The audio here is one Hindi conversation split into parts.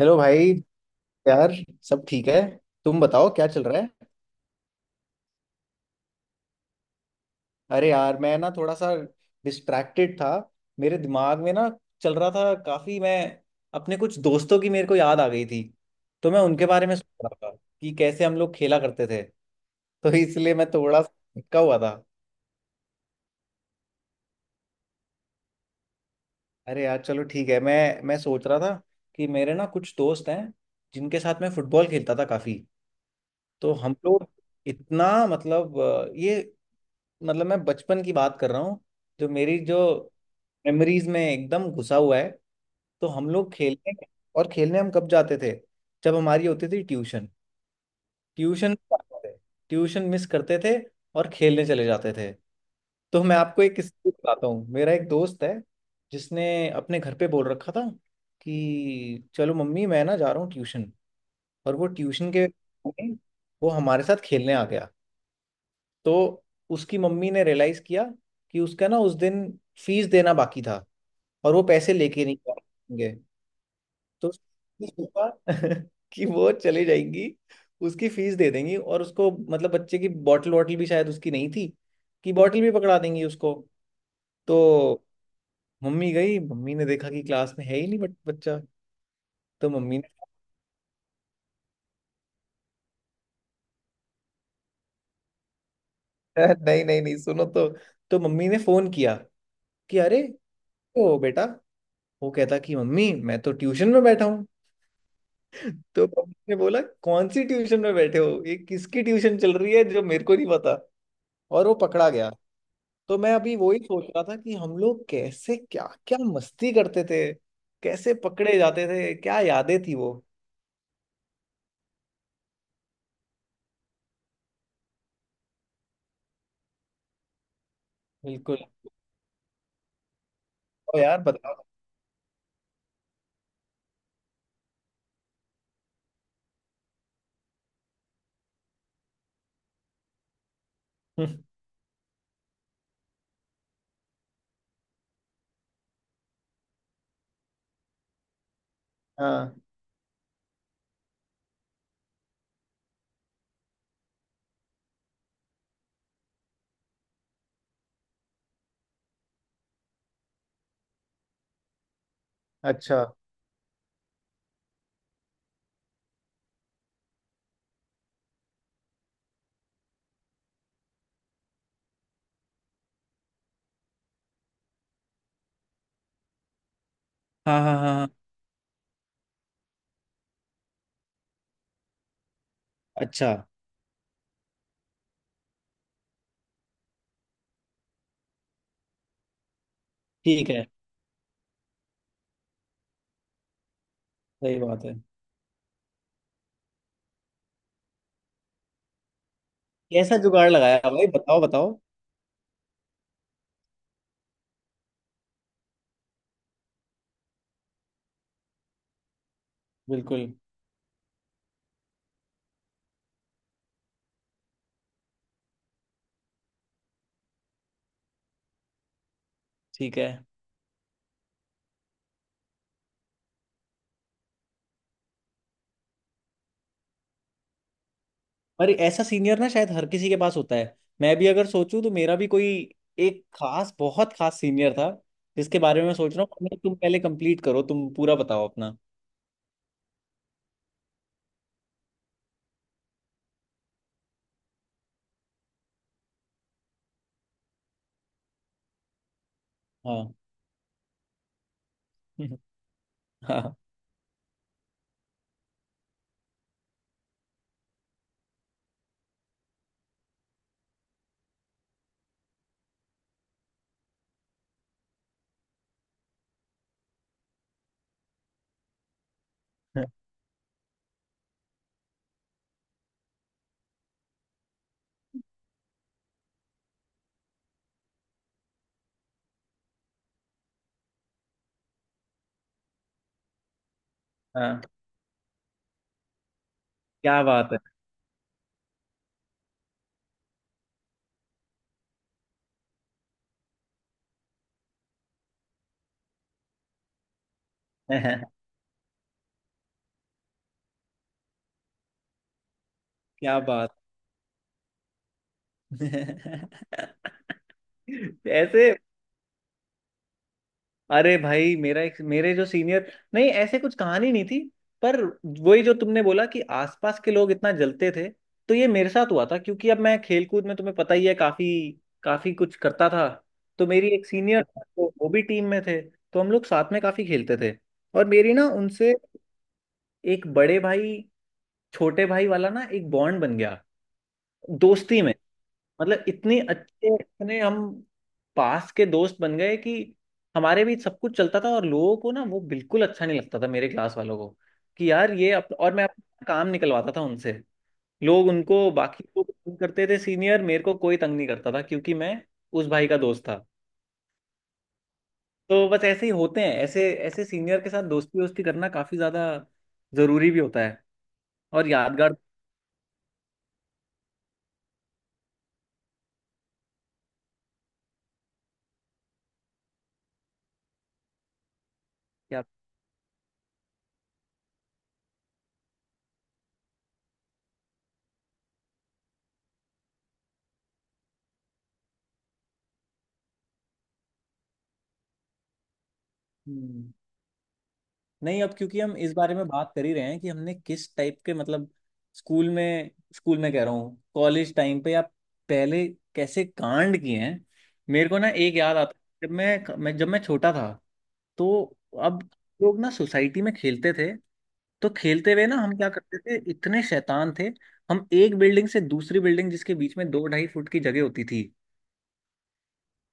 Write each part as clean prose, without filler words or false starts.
हेलो भाई। यार सब ठीक है। तुम बताओ क्या चल रहा है। अरे यार मैं ना थोड़ा सा डिस्ट्रैक्टेड था। मेरे दिमाग में ना चल रहा था काफी। मैं अपने कुछ दोस्तों की मेरे को याद आ गई थी तो मैं उनके बारे में सोच रहा था कि कैसे हम लोग खेला करते थे तो इसलिए मैं थोड़ा सा अटका हुआ था। अरे यार चलो ठीक है। मैं सोच रहा था कि मेरे ना कुछ दोस्त हैं जिनके साथ मैं फुटबॉल खेलता था काफी। तो हम लोग इतना मतलब ये मतलब मैं बचपन की बात कर रहा हूँ, जो मेरी जो मेमोरीज में एकदम घुसा हुआ है। तो हम लोग खेलने और खेलने हम कब जाते थे। जब हमारी होती थी ट्यूशन। ट्यूशन ट्यूशन मिस करते थे और खेलने चले जाते थे। तो मैं आपको एक किस्सा बताता हूँ। मेरा एक दोस्त है जिसने अपने घर पे बोल रखा था कि चलो मम्मी मैं ना जा रहा हूँ ट्यूशन। और वो ट्यूशन के वो हमारे साथ खेलने आ गया। तो उसकी मम्मी ने रियलाइज किया कि उसका ना उस दिन फीस देना बाकी था और वो पैसे लेके नहीं जाएंगे। तो उसने सोचा कि वो चली जाएंगी, उसकी फीस दे देंगी, और उसको मतलब बच्चे की बॉटल वॉटल भी शायद उसकी नहीं थी कि बॉटल भी पकड़ा देंगी उसको। तो मम्मी गई। मम्मी ने देखा कि क्लास में है ही नहीं बट बच्चा। तो मम्मी ने नहीं नहीं नहीं, सुनो। तो मम्मी ने फोन किया कि अरे ओ बेटा। वो कहता कि मम्मी मैं तो ट्यूशन में बैठा हूँ। तो पब्लिक ने बोला कौन सी ट्यूशन में बैठे हो, ये किसकी ट्यूशन चल रही है जो मेरे को नहीं पता। और वो पकड़ा गया। तो मैं अभी वही सोच रहा था कि हम लोग कैसे क्या क्या मस्ती करते थे, कैसे पकड़े जाते थे, क्या यादें थी वो। बिल्कुल। ओ यार बताओ। हम्म। हाँ। अच्छा। हाँ हाँ हाँ हाँ। अच्छा। ठीक है। सही बात है। कैसा जुगाड़ लगाया भाई, बताओ बताओ। बिल्कुल। ठीक है। पर ऐसा सीनियर ना शायद हर किसी के पास होता है। मैं भी अगर सोचूं तो मेरा भी कोई एक खास, बहुत खास सीनियर था जिसके बारे में मैं सोच रहा हूँ। नहीं, तुम पहले कंप्लीट करो, तुम पूरा बताओ अपना। हाँ। हाँ हाँ। क्या बात है। क्या बात। ऐसे, अरे भाई मेरा एक मेरे जो सीनियर, नहीं ऐसे कुछ कहानी नहीं थी। पर वही जो तुमने बोला कि आसपास के लोग इतना जलते थे, तो ये मेरे साथ हुआ था क्योंकि अब मैं खेलकूद में तुम्हें पता ही है काफी। काफी कुछ करता था। तो मेरी एक सीनियर था तो वो भी टीम में थे तो हम लोग साथ में काफी खेलते थे। और मेरी ना उनसे एक बड़े भाई छोटे भाई वाला ना एक बॉन्ड बन गया दोस्ती में। मतलब इतने अच्छे, इतने हम पास के दोस्त बन गए कि हमारे बीच सब कुछ चलता था, और लोगों को ना वो बिल्कुल अच्छा नहीं लगता था, मेरे क्लास वालों को कि यार ये और मैं अपना काम निकलवाता था उनसे। लोग उनको बाकी लोग तंग करते थे सीनियर। मेरे को कोई तंग नहीं करता था क्योंकि मैं उस भाई का दोस्त था। तो बस ऐसे ही होते हैं, ऐसे ऐसे सीनियर के साथ दोस्ती वोस्ती करना काफी ज्यादा जरूरी भी होता है, और यादगार। हम्म। नहीं, अब क्योंकि हम इस बारे में बात कर ही रहे हैं कि हमने किस टाइप के मतलब स्कूल में, स्कूल में कह रहा हूँ कॉलेज टाइम पे या पहले कैसे कांड किए हैं। मेरे को ना एक याद आता है, जब मैं छोटा था तो अब लोग ना सोसाइटी में खेलते थे। तो खेलते हुए ना हम क्या करते थे, इतने शैतान थे। हम एक बिल्डिंग से दूसरी बिल्डिंग, जिसके बीच में दो ढाई फुट की जगह होती थी,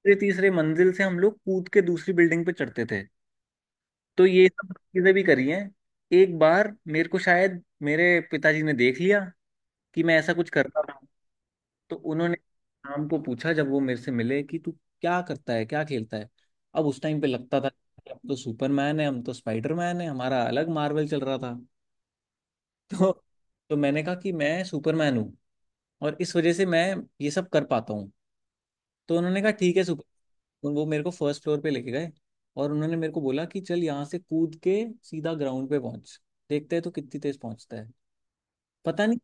तीसरे तीसरे मंजिल से हम लोग कूद के दूसरी बिल्डिंग पे चढ़ते थे। तो ये सब चीजें भी करी हैं। एक बार मेरे को शायद मेरे पिताजी ने देख लिया कि मैं ऐसा कुछ करता था। तो उन्होंने शाम को पूछा जब वो मेरे से मिले कि तू क्या करता है क्या खेलता है। अब उस टाइम पे लगता था कि हम तो सुपरमैन है, हम तो स्पाइडरमैन है, हमारा अलग मार्वल चल रहा था तो तो मैंने कहा कि मैं सुपरमैन हूँ और इस वजह से मैं ये सब कर पाता हूँ। तो उन्होंने कहा ठीक है सुपर। उन वो मेरे को फर्स्ट फ्लोर पे लेके गए और उन्होंने मेरे को बोला कि चल यहाँ से कूद के सीधा ग्राउंड पे पहुंच, देखते हैं तो कितनी तेज पहुंचता है। पता नहीं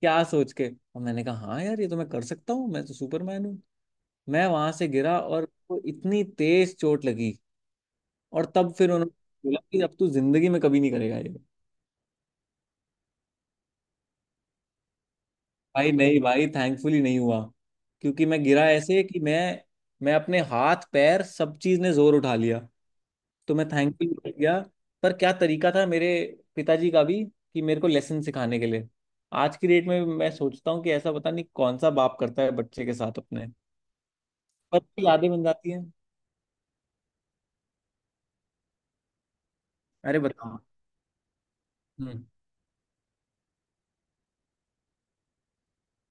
क्या सोच के और मैंने कहा हाँ यार ये तो मैं कर सकता हूँ, मैं तो सुपरमैन हूँ। मैं वहां से गिरा और वो इतनी तेज चोट लगी। और तब फिर उन्होंने बोला कि अब तू जिंदगी में कभी नहीं करेगा ये। भाई नहीं, भाई थैंकफुली नहीं हुआ क्योंकि मैं गिरा ऐसे कि मैं अपने हाथ पैर सब चीज ने जोर उठा लिया। तो मैं थैंकफुली बच गया। पर क्या तरीका था मेरे पिताजी का भी कि मेरे को लेसन सिखाने के लिए। आज की डेट में मैं सोचता हूँ कि ऐसा पता नहीं कौन सा बाप करता है बच्चे के साथ अपने। पर भी यादें बन जाती हैं। अरे बताओ। हम्म।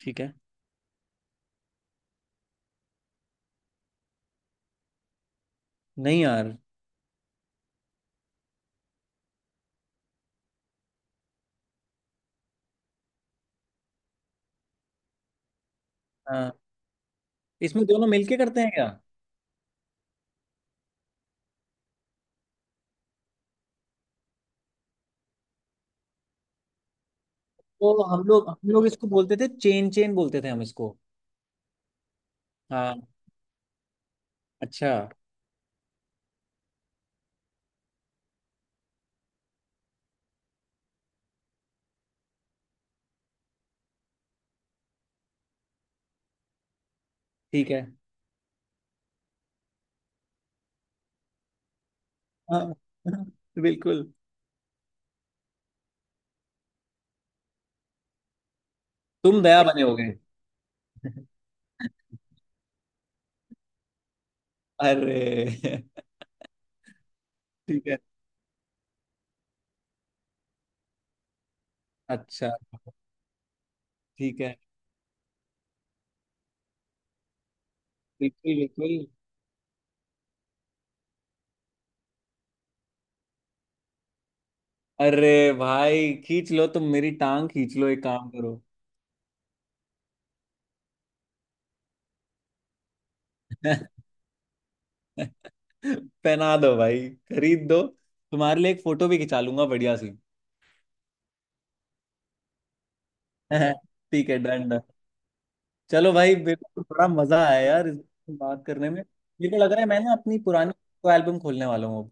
ठीक है। नहीं यार। हाँ। इसमें दोनों मिलके करते हैं क्या। तो हम लोग इसको बोलते थे, चेन चेन बोलते थे हम इसको। हाँ। अच्छा। ठीक है। हाँ। बिल्कुल। तुम दया बने होगे। अरे। ठीक है। अच्छा। ठीक है। बिल्कुल बिल्कुल। अरे भाई खींच लो, तुम मेरी टांग खींच लो, एक काम करो। पहना दो भाई, खरीद दो। तुम्हारे लिए एक फोटो भी खिंचा लूंगा बढ़िया सी। ठीक है, डन डन। चलो भाई मेरे को बड़ा मजा आया यार इस बात करने में। मेरे को लग रहा है मैं ना अपनी पुरानी एल्बम खोलने वाला हूँ अब।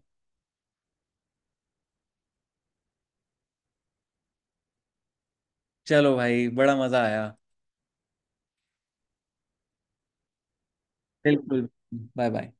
चलो भाई बड़ा मजा आया। बिल्कुल। Bye bye.